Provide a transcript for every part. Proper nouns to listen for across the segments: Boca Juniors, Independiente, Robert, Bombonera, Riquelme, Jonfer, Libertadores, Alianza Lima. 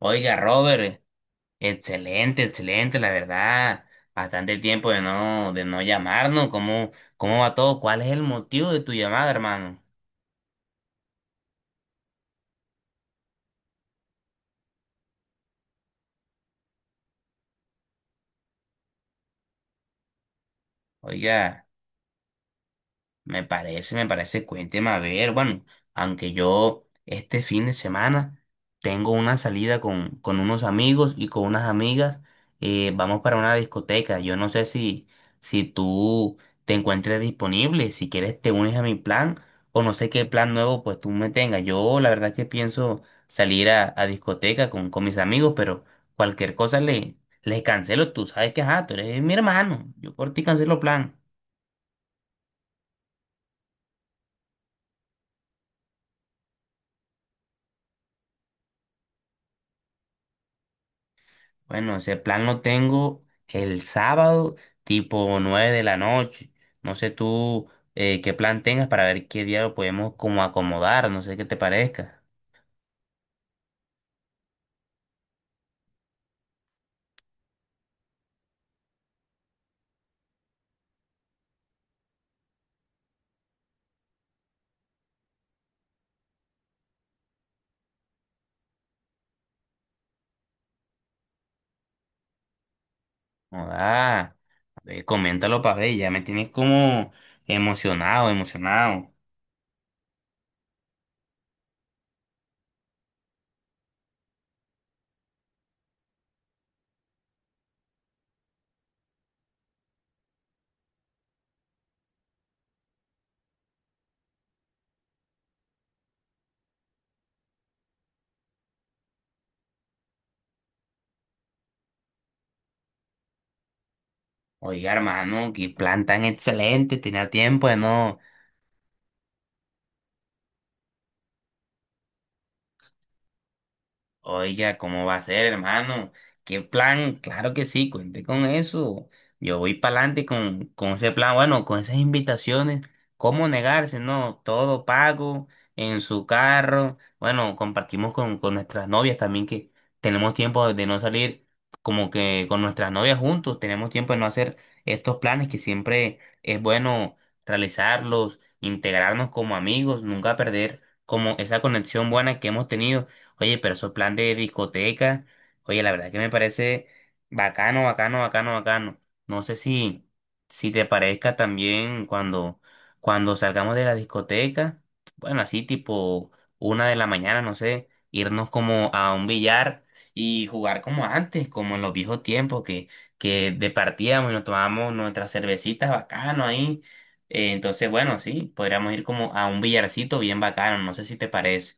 Oiga, Robert, excelente, excelente, la verdad. Bastante tiempo de no llamarnos. ¿Cómo va todo? ¿Cuál es el motivo de tu llamada, hermano? Oiga. Me parece, cuénteme a ver, bueno, aunque yo este fin de semana tengo una salida con unos amigos y con unas amigas, vamos para una discoteca. Yo no sé si, si tú te encuentres disponible. Si quieres te unes a mi plan, o no sé qué plan nuevo pues tú me tengas. Yo la verdad que pienso salir a discoteca con mis amigos, pero cualquier cosa le, les cancelo. Tú sabes que ajá, tú eres mi hermano, yo por ti cancelo plan. Bueno, ese plan lo tengo el sábado, tipo 9 de la noche. No sé tú qué plan tengas para ver qué día lo podemos como acomodar, no sé qué te parezca. Ah, coméntalo para ver, ya me tienes como emocionado, emocionado. Oiga, hermano, qué plan tan excelente, tenía tiempo de no. Oiga, ¿cómo va a ser, hermano? ¿Qué plan? Claro que sí, cuente con eso. Yo voy para adelante con ese plan, bueno, con esas invitaciones. ¿Cómo negarse? No, todo pago, en su carro. Bueno, compartimos con nuestras novias también, que tenemos tiempo de no salir como que con nuestras novias juntos. Tenemos tiempo de no hacer estos planes que siempre es bueno realizarlos, integrarnos como amigos, nunca perder como esa conexión buena que hemos tenido. Oye, pero esos plan de discoteca, oye, la verdad que me parece bacano, bacano, bacano, bacano. No sé si, si te parezca también cuando, cuando salgamos de la discoteca, bueno, así tipo 1 de la mañana, no sé, irnos como a un billar y jugar como antes, como en los viejos tiempos que departíamos y nos tomábamos nuestras cervecitas bacano ahí. Entonces, bueno, sí, podríamos ir como a un billarcito bien bacano, no sé si te parece.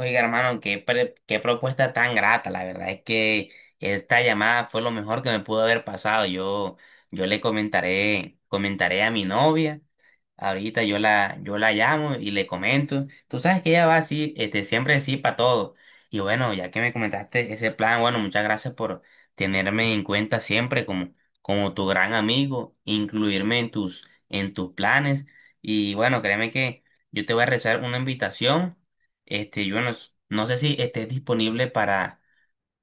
Oiga, hermano, qué, qué propuesta tan grata. La verdad es que esta llamada fue lo mejor que me pudo haber pasado. Yo le comentaré a mi novia. Ahorita yo la, yo la llamo y le comento. Tú sabes que ella va así, este, siempre así para todo. Y bueno, ya que me comentaste ese plan, bueno, muchas gracias por tenerme en cuenta siempre como, como tu gran amigo, incluirme en tus planes. Y bueno, créeme que yo te voy a rezar una invitación. Este, yo no, no sé si estés disponible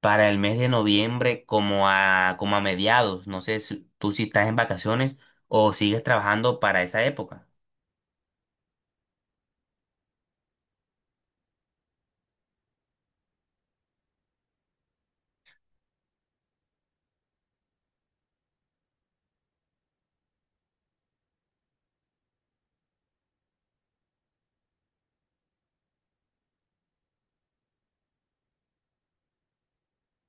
para el mes de noviembre como a, como a mediados. No sé si tú si estás en vacaciones o sigues trabajando para esa época.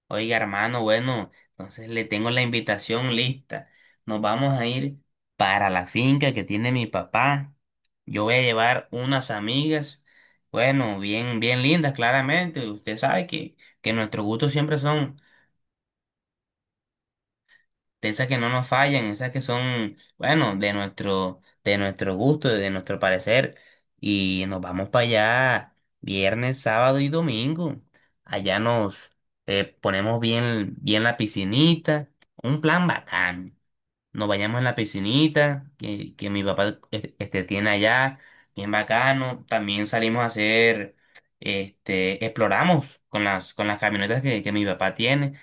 Oiga, hermano, bueno, entonces le tengo la invitación lista. Nos vamos a ir para la finca que tiene mi papá. Yo voy a llevar unas amigas, bueno, bien, bien lindas, claramente. Usted sabe que nuestros gustos siempre son de esas que no nos fallan, esas que son, bueno, de nuestro gusto, de nuestro parecer. Y nos vamos para allá viernes, sábado y domingo. Allá nos ponemos bien, bien la piscinita. Un plan bacán. Nos vayamos en la piscinita que mi papá este, tiene allá. Bien bacano. También salimos a hacer, este, exploramos con las camionetas que mi papá tiene.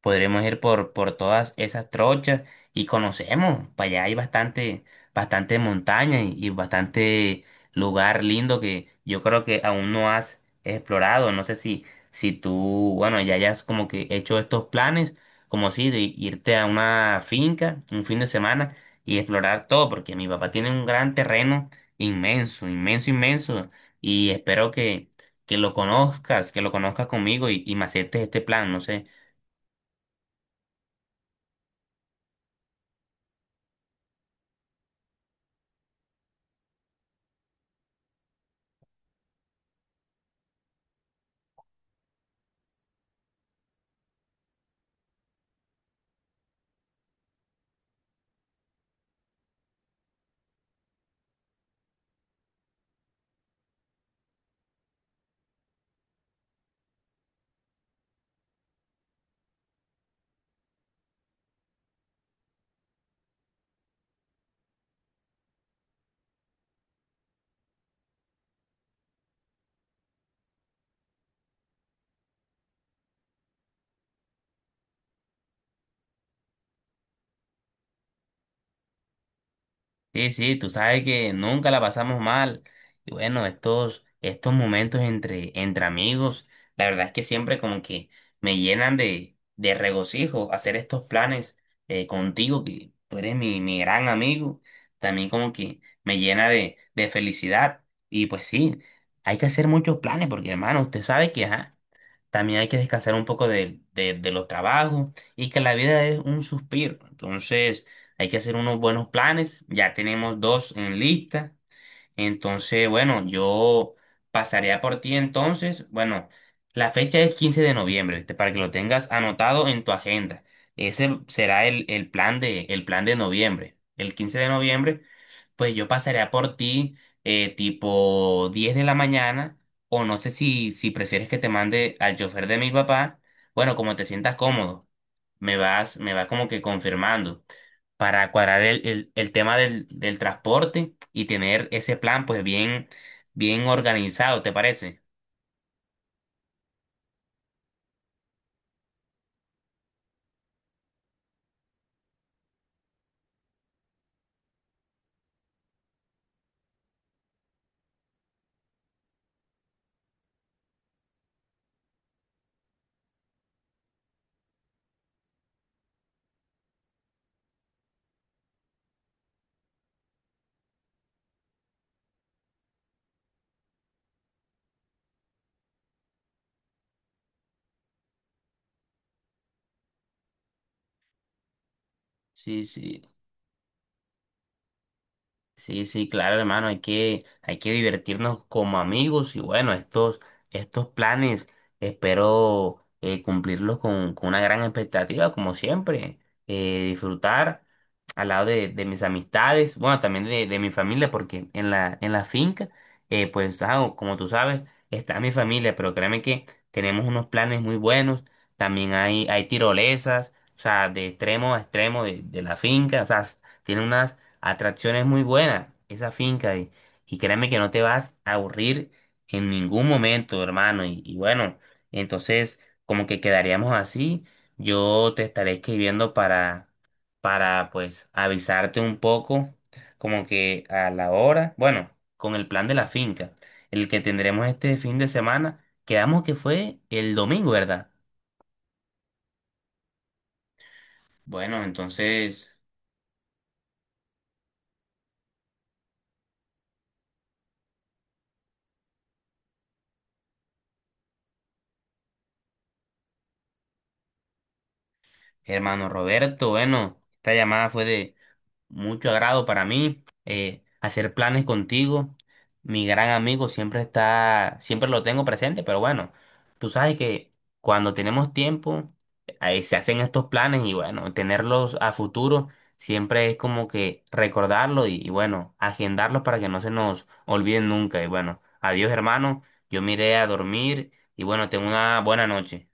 Podremos ir por todas esas trochas y conocemos. Para allá hay bastante, bastante montaña y bastante lugar lindo que yo creo que aún no has explorado. No sé si, si tú, bueno, ya hayas como que hecho estos planes, como si de irte a una finca un fin de semana y explorar todo, porque mi papá tiene un gran terreno inmenso, inmenso, inmenso. Y espero que lo conozcas conmigo y me aceptes este plan. No sé. Sí, sí, tú sabes que nunca la pasamos mal. Y bueno, estos, estos momentos entre, entre amigos, la verdad es que siempre como que me llenan de regocijo hacer estos planes contigo, que tú eres mi, mi gran amigo. También como que me llena de felicidad. Y pues sí, hay que hacer muchos planes porque hermano, usted sabe que ajá, también hay que descansar un poco de los trabajos y que la vida es un suspiro. Entonces... hay que hacer unos buenos planes. Ya tenemos dos en lista. Entonces, bueno, yo pasaría por ti entonces. Bueno, la fecha es 15 de noviembre, ¿viste? Para que lo tengas anotado en tu agenda. Ese será el plan de noviembre. El 15 de noviembre, pues yo pasaría por ti tipo 10 de la mañana. O no sé si, si prefieres que te mande al chofer de mi papá. Bueno, como te sientas cómodo. Me vas como que confirmando para cuadrar el, el tema del, del transporte y tener ese plan pues bien, bien organizado, ¿te parece? Sí, sí. Sí, sí, claro, hermano, hay que divertirnos como amigos y bueno, estos, estos planes espero cumplirlos con una gran expectativa, como siempre, disfrutar al lado de mis amistades, bueno, también de mi familia, porque en la finca, pues, ah, como tú sabes, está mi familia, pero créeme que tenemos unos planes muy buenos, también hay tirolesas, o sea, de extremo a extremo de la finca, o sea, tiene unas atracción es muy buena, esa finca. Y créeme que no te vas a aburrir en ningún momento, hermano. Y bueno, entonces como que quedaríamos así. Yo te estaré escribiendo para pues avisarte un poco, como que a la hora, bueno, con el plan de la finca, el que tendremos este fin de semana. Quedamos que fue el domingo, ¿verdad? Bueno, entonces... Hermano Roberto, bueno, esta llamada fue de mucho agrado para mí, hacer planes contigo. Mi gran amigo siempre está, siempre lo tengo presente, pero bueno, tú sabes que cuando tenemos tiempo, ahí se hacen estos planes y bueno, tenerlos a futuro siempre es como que recordarlo y bueno, agendarlos para que no se nos olviden nunca. Y bueno, adiós hermano, yo me iré a dormir y bueno, tengo una buena noche.